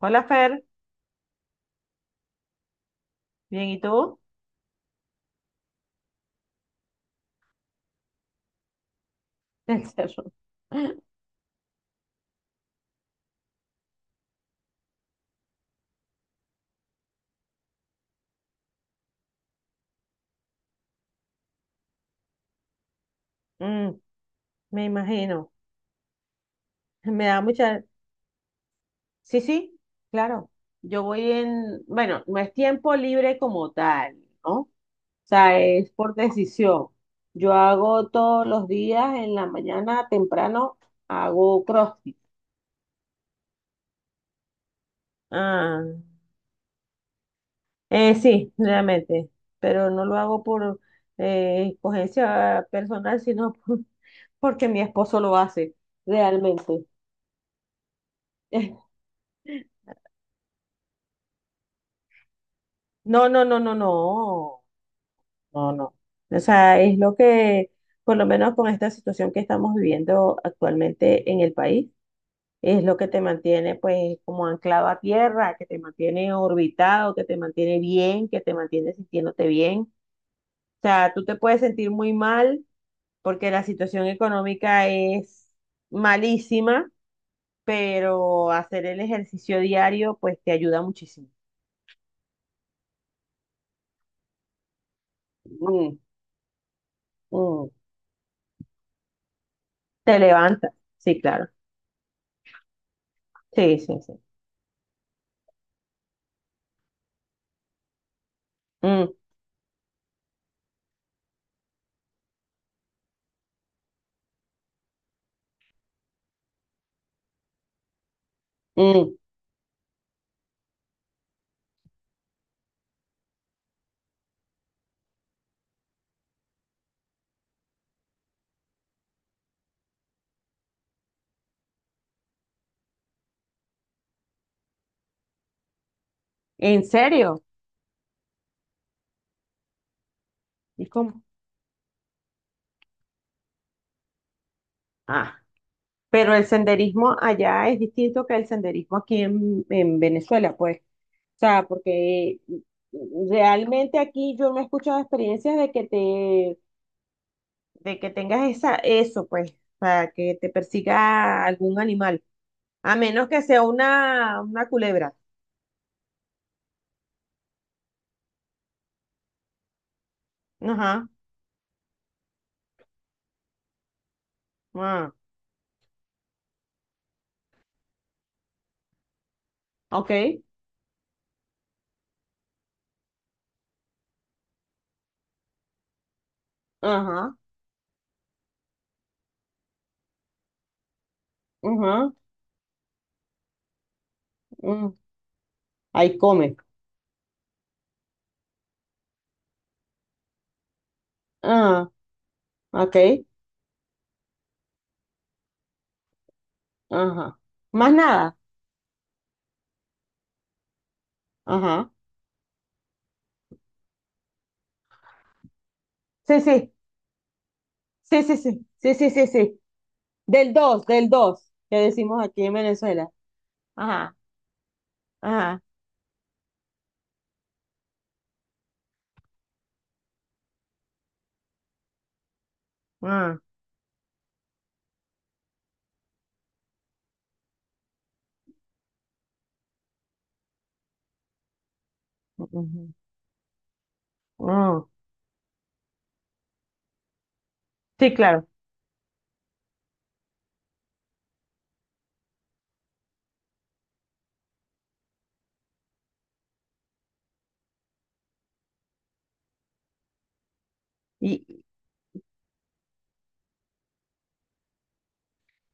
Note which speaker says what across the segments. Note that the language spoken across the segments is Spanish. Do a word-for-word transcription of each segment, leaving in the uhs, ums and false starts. Speaker 1: Hola Fer. Bien, ¿y tú? El cerro. Mm. Me imagino. Me da mucha. Sí, sí, claro. Yo voy en, bueno, no es tiempo libre como tal, ¿no? O sea, es por decisión. Yo hago todos los días en la mañana temprano, hago CrossFit. Ah, eh, sí, realmente, pero no lo hago por eh, escogencia personal, sino por- porque mi esposo lo hace, realmente. No, no, no, no, no, no, no. O sea, es lo que, por lo menos con esta situación que estamos viviendo actualmente en el país, es lo que te mantiene pues como anclado a tierra, que te mantiene orbitado, que te mantiene bien, que te mantiene sintiéndote bien. O sea, tú te puedes sentir muy mal porque la situación económica es malísima, pero hacer el ejercicio diario pues te ayuda muchísimo. Mm, mm. Te levanta, sí, claro. Sí, sí, sí. Mm, mm. ¿En serio? ¿Y cómo? Ah, pero el senderismo allá es distinto que el senderismo aquí en, en Venezuela, pues. O sea, porque mm, realmente aquí yo no he escuchado experiencias de que te, de que tengas esa, eso, pues, para que te persiga algún animal. A menos que sea una, una culebra. Ajá. Ah, ok. Ajá. Ajá. Mm. Ahí come. Ah, ok. Ajá. Más nada. Ajá. Sí, sí, sí, sí, sí, sí, sí, sí, sí. Del dos del dos que decimos aquí en Venezuela. Ajá, ajá. Ah, ujú, ah. Sí, claro. ¿Y,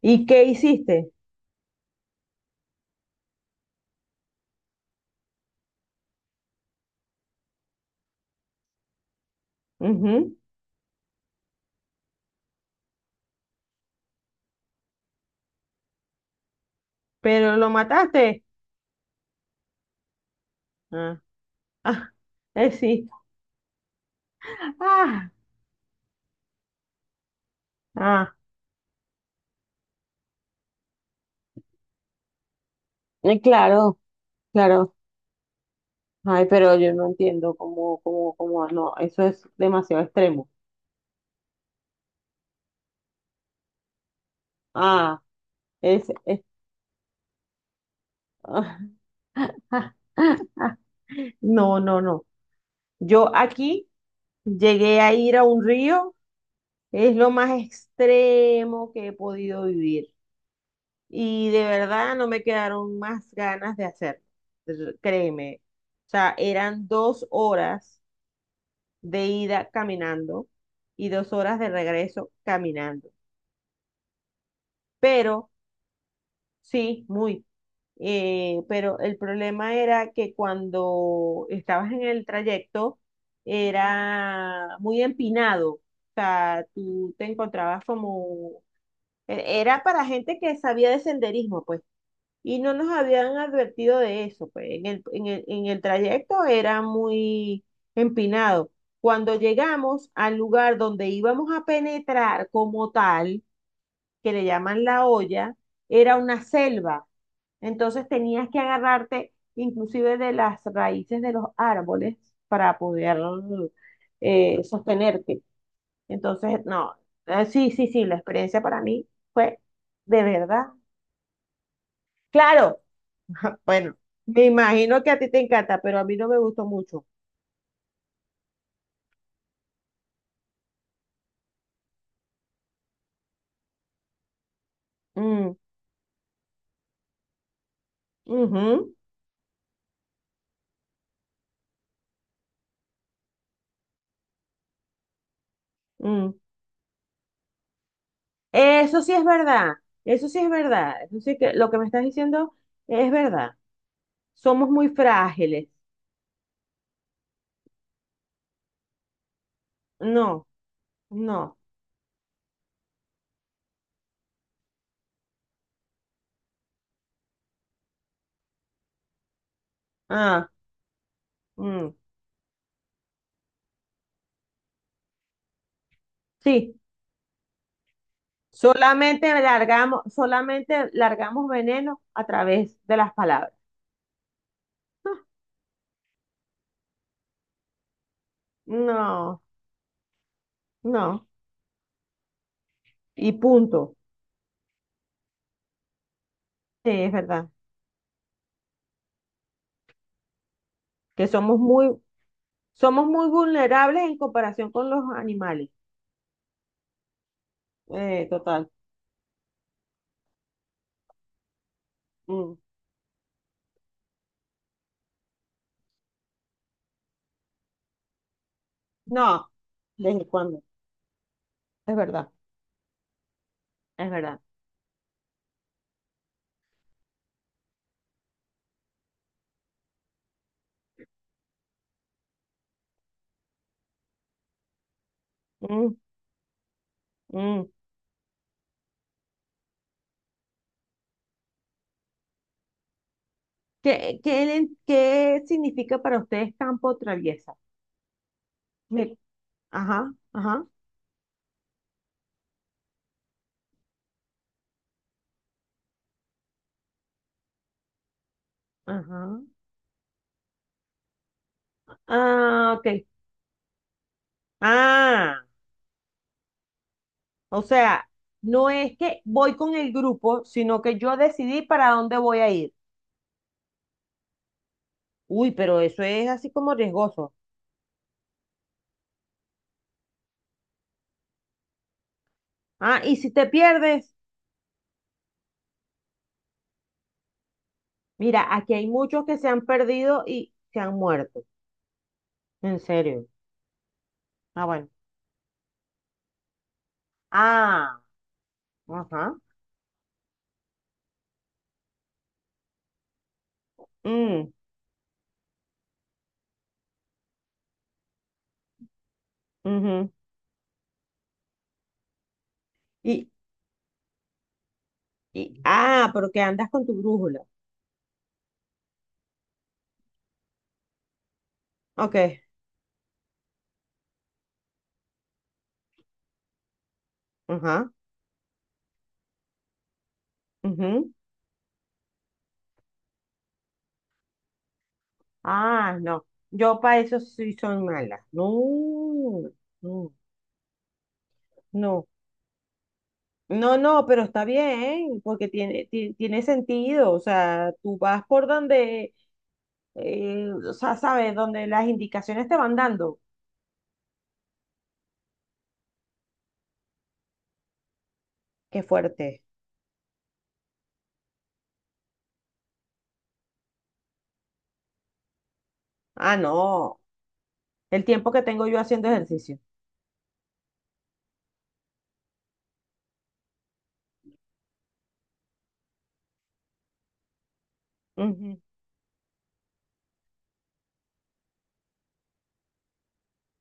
Speaker 1: y qué hiciste? Ujú. Pero lo mataste. Ah, ah, eh, sí. Ah, ah. Eh, claro, claro. Ay, pero yo no entiendo cómo, cómo, cómo, no, eso es demasiado extremo. Ah, es, es, No, no, no. Yo aquí llegué a ir a un río, es lo más extremo que he podido vivir. Y de verdad no me quedaron más ganas de hacerlo. r- Créeme. O sea, eran dos horas de ida caminando y dos horas de regreso caminando. Pero Sí, muy. Eh, pero el problema era que cuando estabas en el trayecto era muy empinado. O sea, tú te encontrabas como. e- Era para gente que sabía de senderismo, pues. Y no nos habían advertido de eso, pues. En el, en el, en el trayecto era muy empinado. Cuando llegamos al lugar donde íbamos a penetrar como tal, que le llaman la olla, era una selva. Entonces tenías que agarrarte inclusive de las raíces de los árboles para poder eh, sostenerte. Entonces, no, eh, sí, sí, sí, la experiencia para mí fue de verdad. Claro, bueno, me imagino que a ti te encanta, pero a mí no me gustó mucho. Mm, ujú, mm. Eso sí es verdad, eso sí es verdad, eso sí que lo que me estás diciendo es verdad. Somos muy frágiles. No, no. Ah, mm, sí. Solamente largamos, solamente largamos veneno a través de las palabras. No, no. Y punto. Sí, es verdad. Que somos muy, somos muy vulnerables en comparación con los animales. Eh, total. Mm. No, ¿desde cuándo? Es verdad, es verdad. Mm, mm. ¿Qué, qué, le- qué significa para ustedes campo traviesa? Me Ajá, ajá, ajá. Ah, ok. Ah, o sea, no es que voy con el grupo, sino que yo decidí para dónde voy a ir. Uy, pero eso es así como riesgoso. Ah, y si te pierdes, mira, aquí hay muchos que se han perdido y se han muerto. En serio. Ah, bueno. Ah, ajá. Mm, ujú. Y, y, ah, pero que andas con tu brújula. Ok, ajá, ujú. Ah, no. Yo para eso sí soy mala. No, no, no. No, no, pero está bien, porque tiene, ti- tiene sentido. O sea, tú vas por donde, eh, o sea, sabes, donde las indicaciones te van dando. Qué fuerte. Ah, no. El tiempo que tengo yo haciendo ejercicio. Ujú,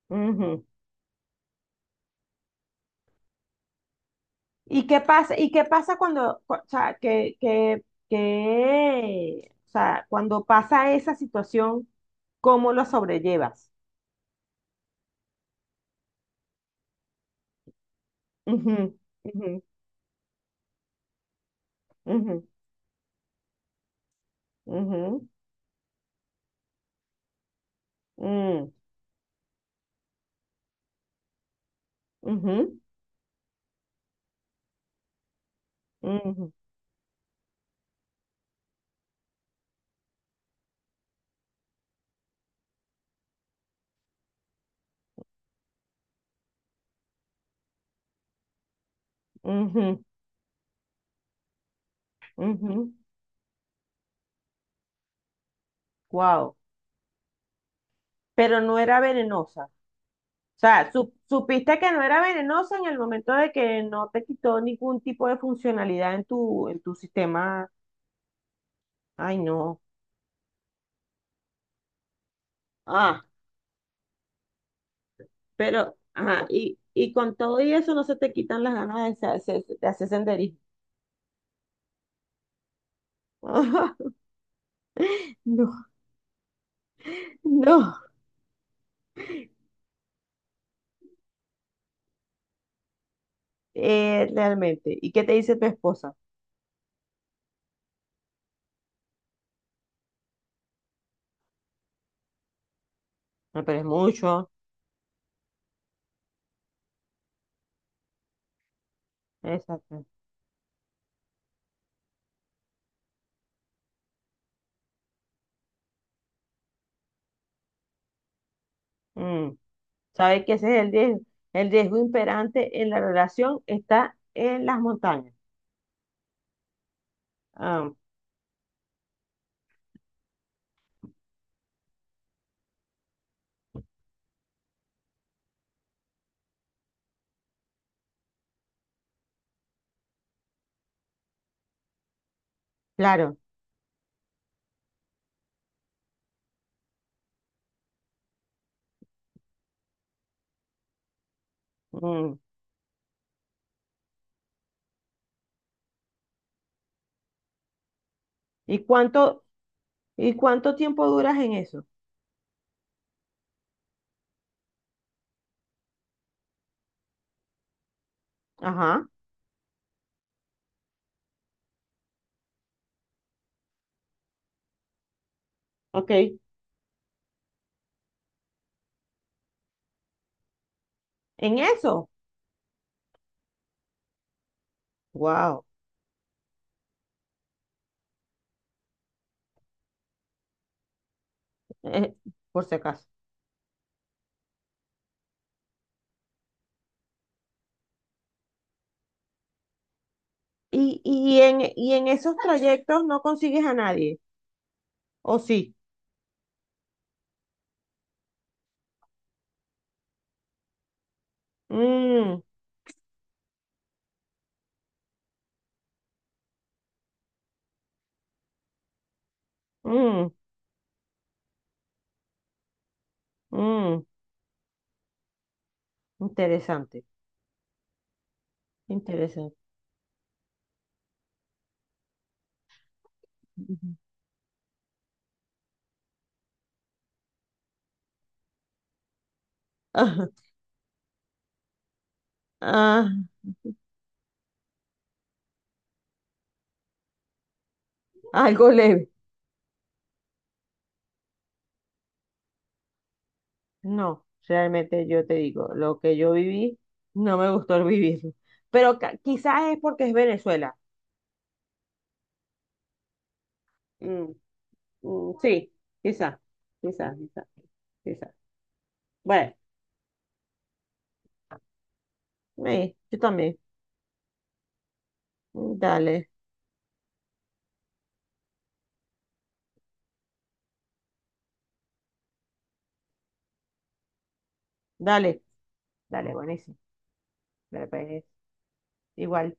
Speaker 1: ujú. ¿Y qué pasa? ¿Y qué pasa cuando, cu- o sea, que, que, que, o sea, cuando pasa esa situación? ¿Cómo lo sobrellevas? Ujú, ujú, ujú, ujú, mm, ujú, ujú, ujú, ujú. Wow. Pero no era venenosa. O sea, sup- supiste que no era venenosa en el momento de que no te quitó ningún tipo de funcionalidad en tu, en tu sistema. Ay, no. Ah, pero, ajá, y, y con todo y eso no se te quitan las ganas de, sa- se- hacer- de hacer senderismo. No, no. Eh, realmente. ¿Y qué te dice tu esposa? No, pero es mucho. Exacto. Mm. ¿Sabe que ese es el riesgo? El riesgo imperante en la relación está en las montañas. Ah, claro. Mm. ¿Y cuánto, y cuánto tiempo duras en eso? Ajá, ok. ¿En eso? Wow, por si acaso. ¿Y, y en, y en esos trayectos no consigues a nadie? ¿O sí? Mm, mm, mm. Interesante, interesante. Ujú. Ah, ah, algo leve. No, realmente yo te digo, lo que yo viví, no me gustó el vivir. Pero ca- quizás es porque es Venezuela. Mm, mm, sí, quizá, quizá, quizá, quizá. Bueno, sí, yo también. Dale, dale, dale, buenísimo. Dale, pues, igual.